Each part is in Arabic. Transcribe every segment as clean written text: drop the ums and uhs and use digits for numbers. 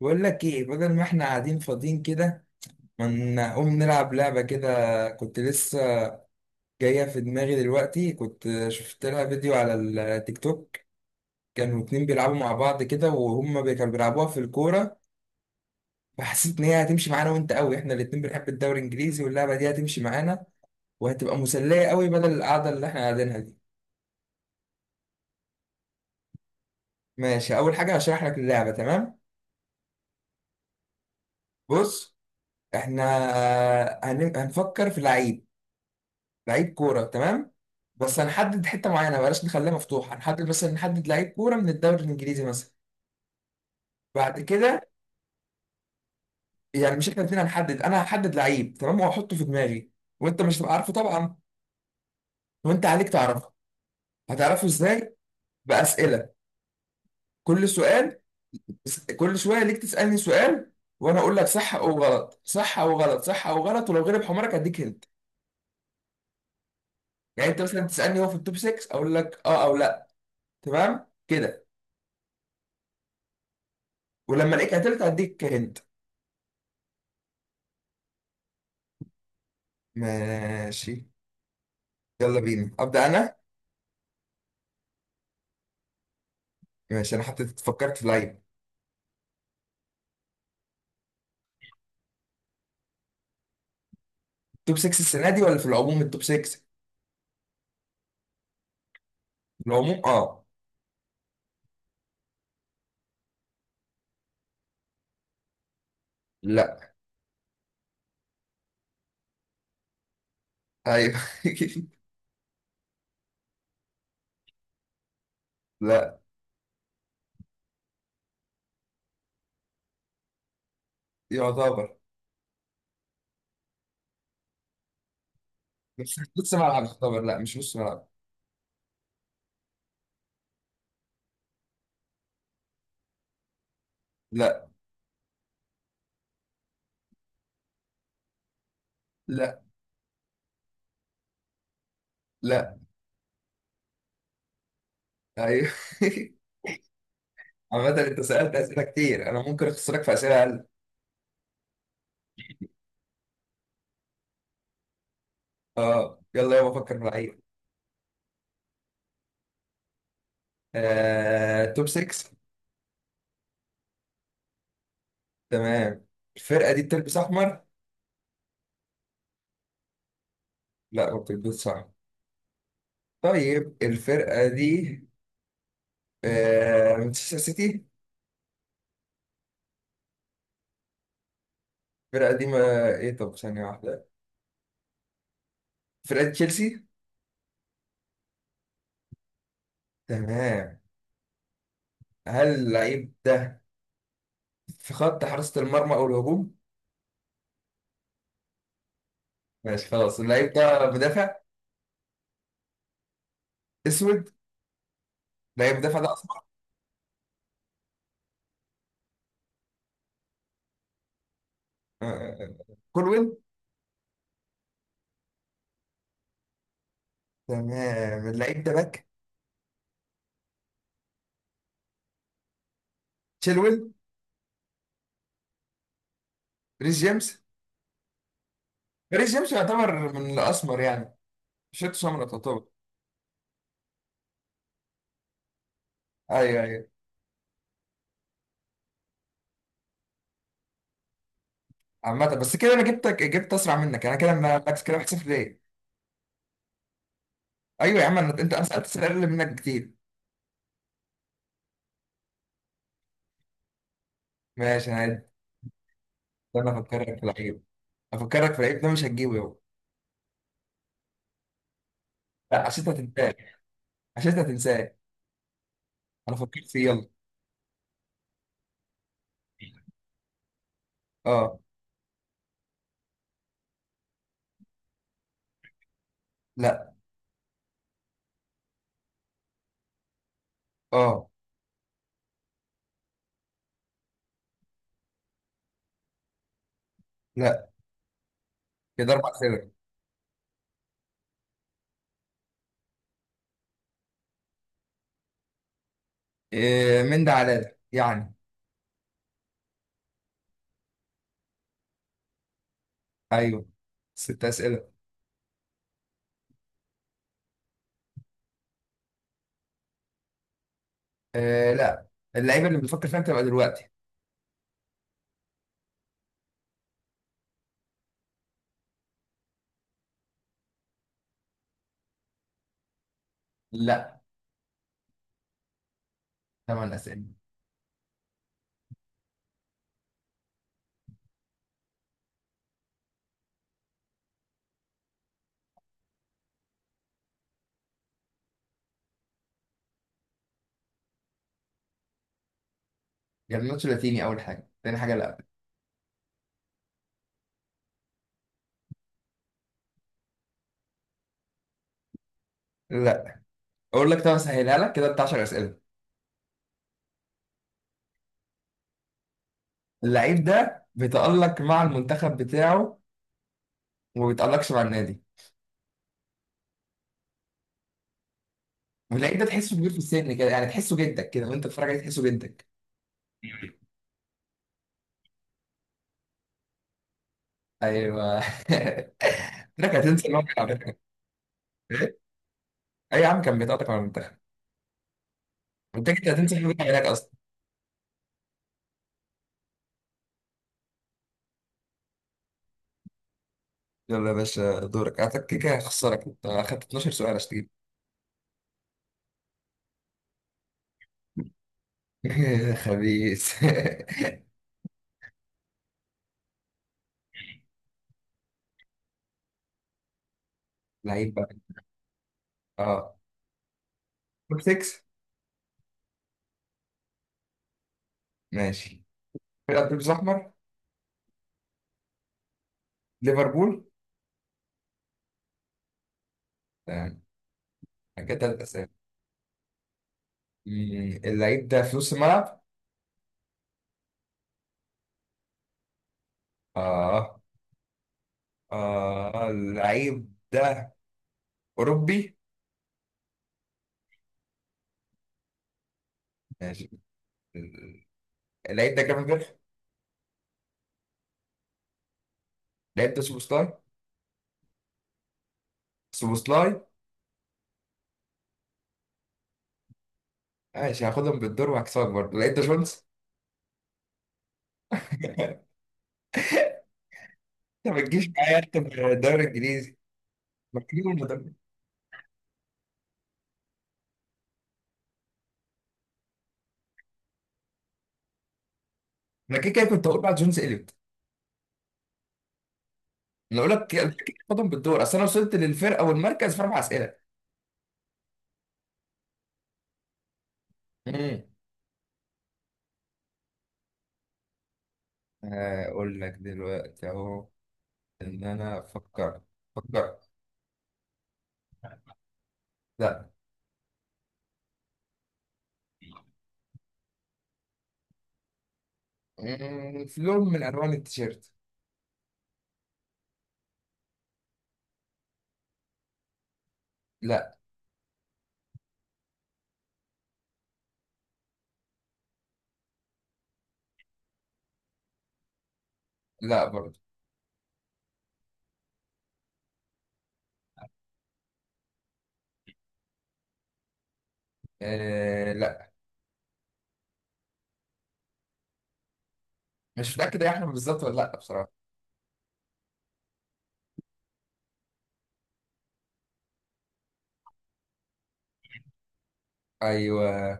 بقول لك ايه؟ بدل ما احنا قاعدين فاضيين كده، ما نقوم نلعب لعبة كده. كنت لسه جاية في دماغي دلوقتي، كنت شفت لها فيديو على التيك توك. كانوا اتنين بيلعبوا مع بعض كده وهم كانوا بيلعبوها في الكورة. فحسيت ان هي هتمشي معانا وانت قوي، احنا الاتنين بنحب الدوري الانجليزي واللعبة دي هتمشي معانا وهتبقى مسلية قوي بدل القعدة اللي احنا قاعدينها دي. ماشي، اول حاجة هشرح لك اللعبة، تمام. بص، احنا هنفكر في لعيب، لعيب كوره، تمام. بس هنحدد حته معينه، بلاش نخليها مفتوحه، هنحدد مثلا، نحدد لعيب كوره من الدوري الانجليزي مثلا. بعد كده يعني مش احنا الاثنين هنحدد، انا هحدد لعيب، تمام، وهحطه في دماغي، وانت مش هتبقى عارفه طبعا، وانت عليك تعرفه. هتعرفه ازاي؟ باسئله. كل سؤال، كل شويه ليك تسالني سؤال وانا اقول لك صح او غلط، صح او غلط، صح او غلط، ولو غلب حمارك اديك هنت. يعني انت مثلا تسالني هو في التوب 6، اقول لك اه او لا، تمام كده. ولما الاقيك قتلت اديك هنت. ماشي، يلا بينا، ابدا انا. ماشي، انا حطيت، فكرت في لعيب. توب 6 السنه دي ولا في العموم التوب 6؟ في العموم، اه. لا. ايوه لا. يعتبر. بس مش نص ملعب، يعتبر، لا مش نص ملعب. لا. لا. لا. ايوه عامة انت سألت اسئله كتير، انا ممكن اخسرك في اسئله اقل. اه، يلا يابا فكر في لعيب. توب 6. تمام. الفرقه دي بتلبس احمر؟ لا ما بتلبسش احمر. طيب الفرقه دي، مانشستر سيتي؟ فرقة قديمة، ايه، طب ثانية واحدة، فرقة تشيلسي. تمام. هل اللعيب ده في خط حراسة المرمى او الهجوم؟ ماشي، خلاص اللعيب ده مدافع؟ اسود، اللعيب مدافع ده اصلا. آه، كولويل. تمام، اللعيب ده باك. تشيلويل. ريس جيمس. ريس جيمس يعتبر من الاسمر يعني، شفت سمرة تعتبر. ايوه، ايوه. عامة بس كده انا جبتك، جبت اسرع منك، انا كده بكس كده 1-0، ليه؟ ايوه يا عم، أنا- انت انا سالت اسئله اقل منك كتير. ماشي انا. ده انا افكرك في العيب، افكرك في العيب ده مش هتجيبه يابا. لا، عشان انت هتنساه، عشان انت هتنساه. انا فكرت فيه، يلا. اه. لا. اه. لا. كده اربع اسئله. إيه، من ده على ده يعني. ايوه. ست اسئله. إيه لا. اللعيبه اللي بنفكر فيها بتبقى دلوقتي. لا. ثمان اسئله. جرناتشو لاتيني اول حاجه، تاني حاجه لا. لا. اقول لك، طب اسهلها لك كده، بتاع 10 اسئله. اللعيب ده بيتالق مع المنتخب بتاعه وما بيتالقش مع النادي. واللعيب ده تحسه كبير في السن كده يعني، تحسه جدك كده وانت بتتفرج عليه تحسه جدك. ايوه انك هتنسى ان هو كان على فكرة. اي يا عم، كان بيتقطع مع المنتخب. انت كنت هتنسى ان هو كان هناك اصلا. يلا يا باشا، دورك. اعتقد كده كده هخسرك، انت اخدت 12 سؤال، اشتري. خبيث. لعيب بقى. اه. توب 6. ماشي. فرقه بيلبس احمر. ليفربول. تمام، كده تلات اسامي. اللعيب ده في نص الملعب. اه. اه، اللعيب ده اوروبي. ماشي. لقيت ده جرافن جريف. لقيت ده سوبوسلاي. سوبوسلاي. ماشي، هاخدهم بالدور وهكسبك برضه، لقيت ده شولز. انت ما تجيش معايا انت في الدوري الانجليزي، مجنون ولا ده؟ انا كده كده كنت هقول بعد جونز اليوت. انا اقول لك، كده كده كده هاخدهم بالدور، اصل انا وصلت للفرقه والمركز في اربع اسئله. امم. اقول لك دلوقتي اهو، ان انا فكرت، فكرت. لا. في لون من الوان التيشيرت. لا. لا برضه. آه لا. مش متاكد يا احمد بالظبط ولا لا، بصراحه. ايوه.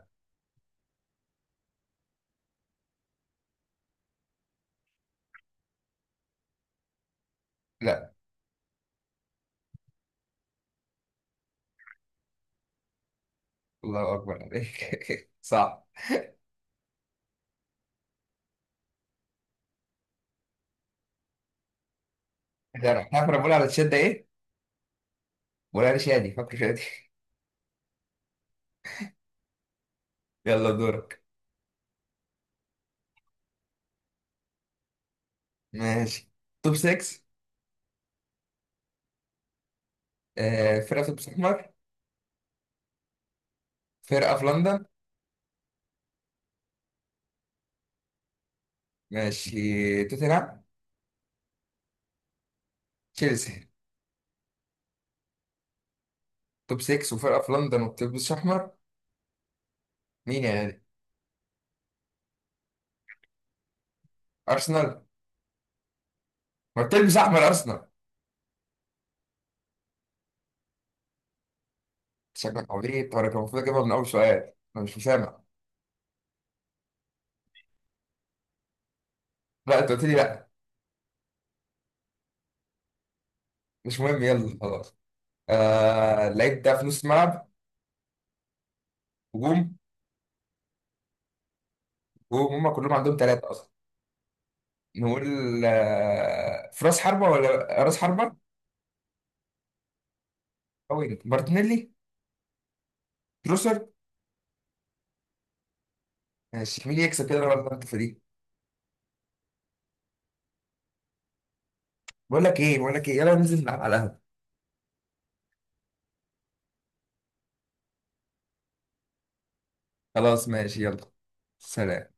لا. الله اكبر عليك صعب. احنا كنا بنقول على الشده ايه؟ بنقول على شادي، فاكر شادي؟ يلا دورك. ماشي. توب 6. فرقه في توب احمر. فرقه في لندن. ماشي، توتنهام. تشيلسي. توب 6 وفرقه في لندن وبتلبس احمر، مين يا غالي؟ ارسنال. ما بتلبس احمر ارسنال؟ شكلك عبيط، وانا كان المفروض اجيبها من اول سؤال، انا مش مسامع. لا، انت قلت لي لا. مش مهم، يلا خلاص. اللعيب ده في نص الملعب. هجوم. وهم كلهم عندهم ثلاثه، نقول في راس حربة ولا راس حربة؟ أو إيه؟ مارتينيلي. تروسر. ماشي، مين يكسب كده ولا انت في دي؟ بقول لك ايه، بقول لك ايه، يلا ننزل نلعب على القهوة. خلاص ماشي يلا، سلام.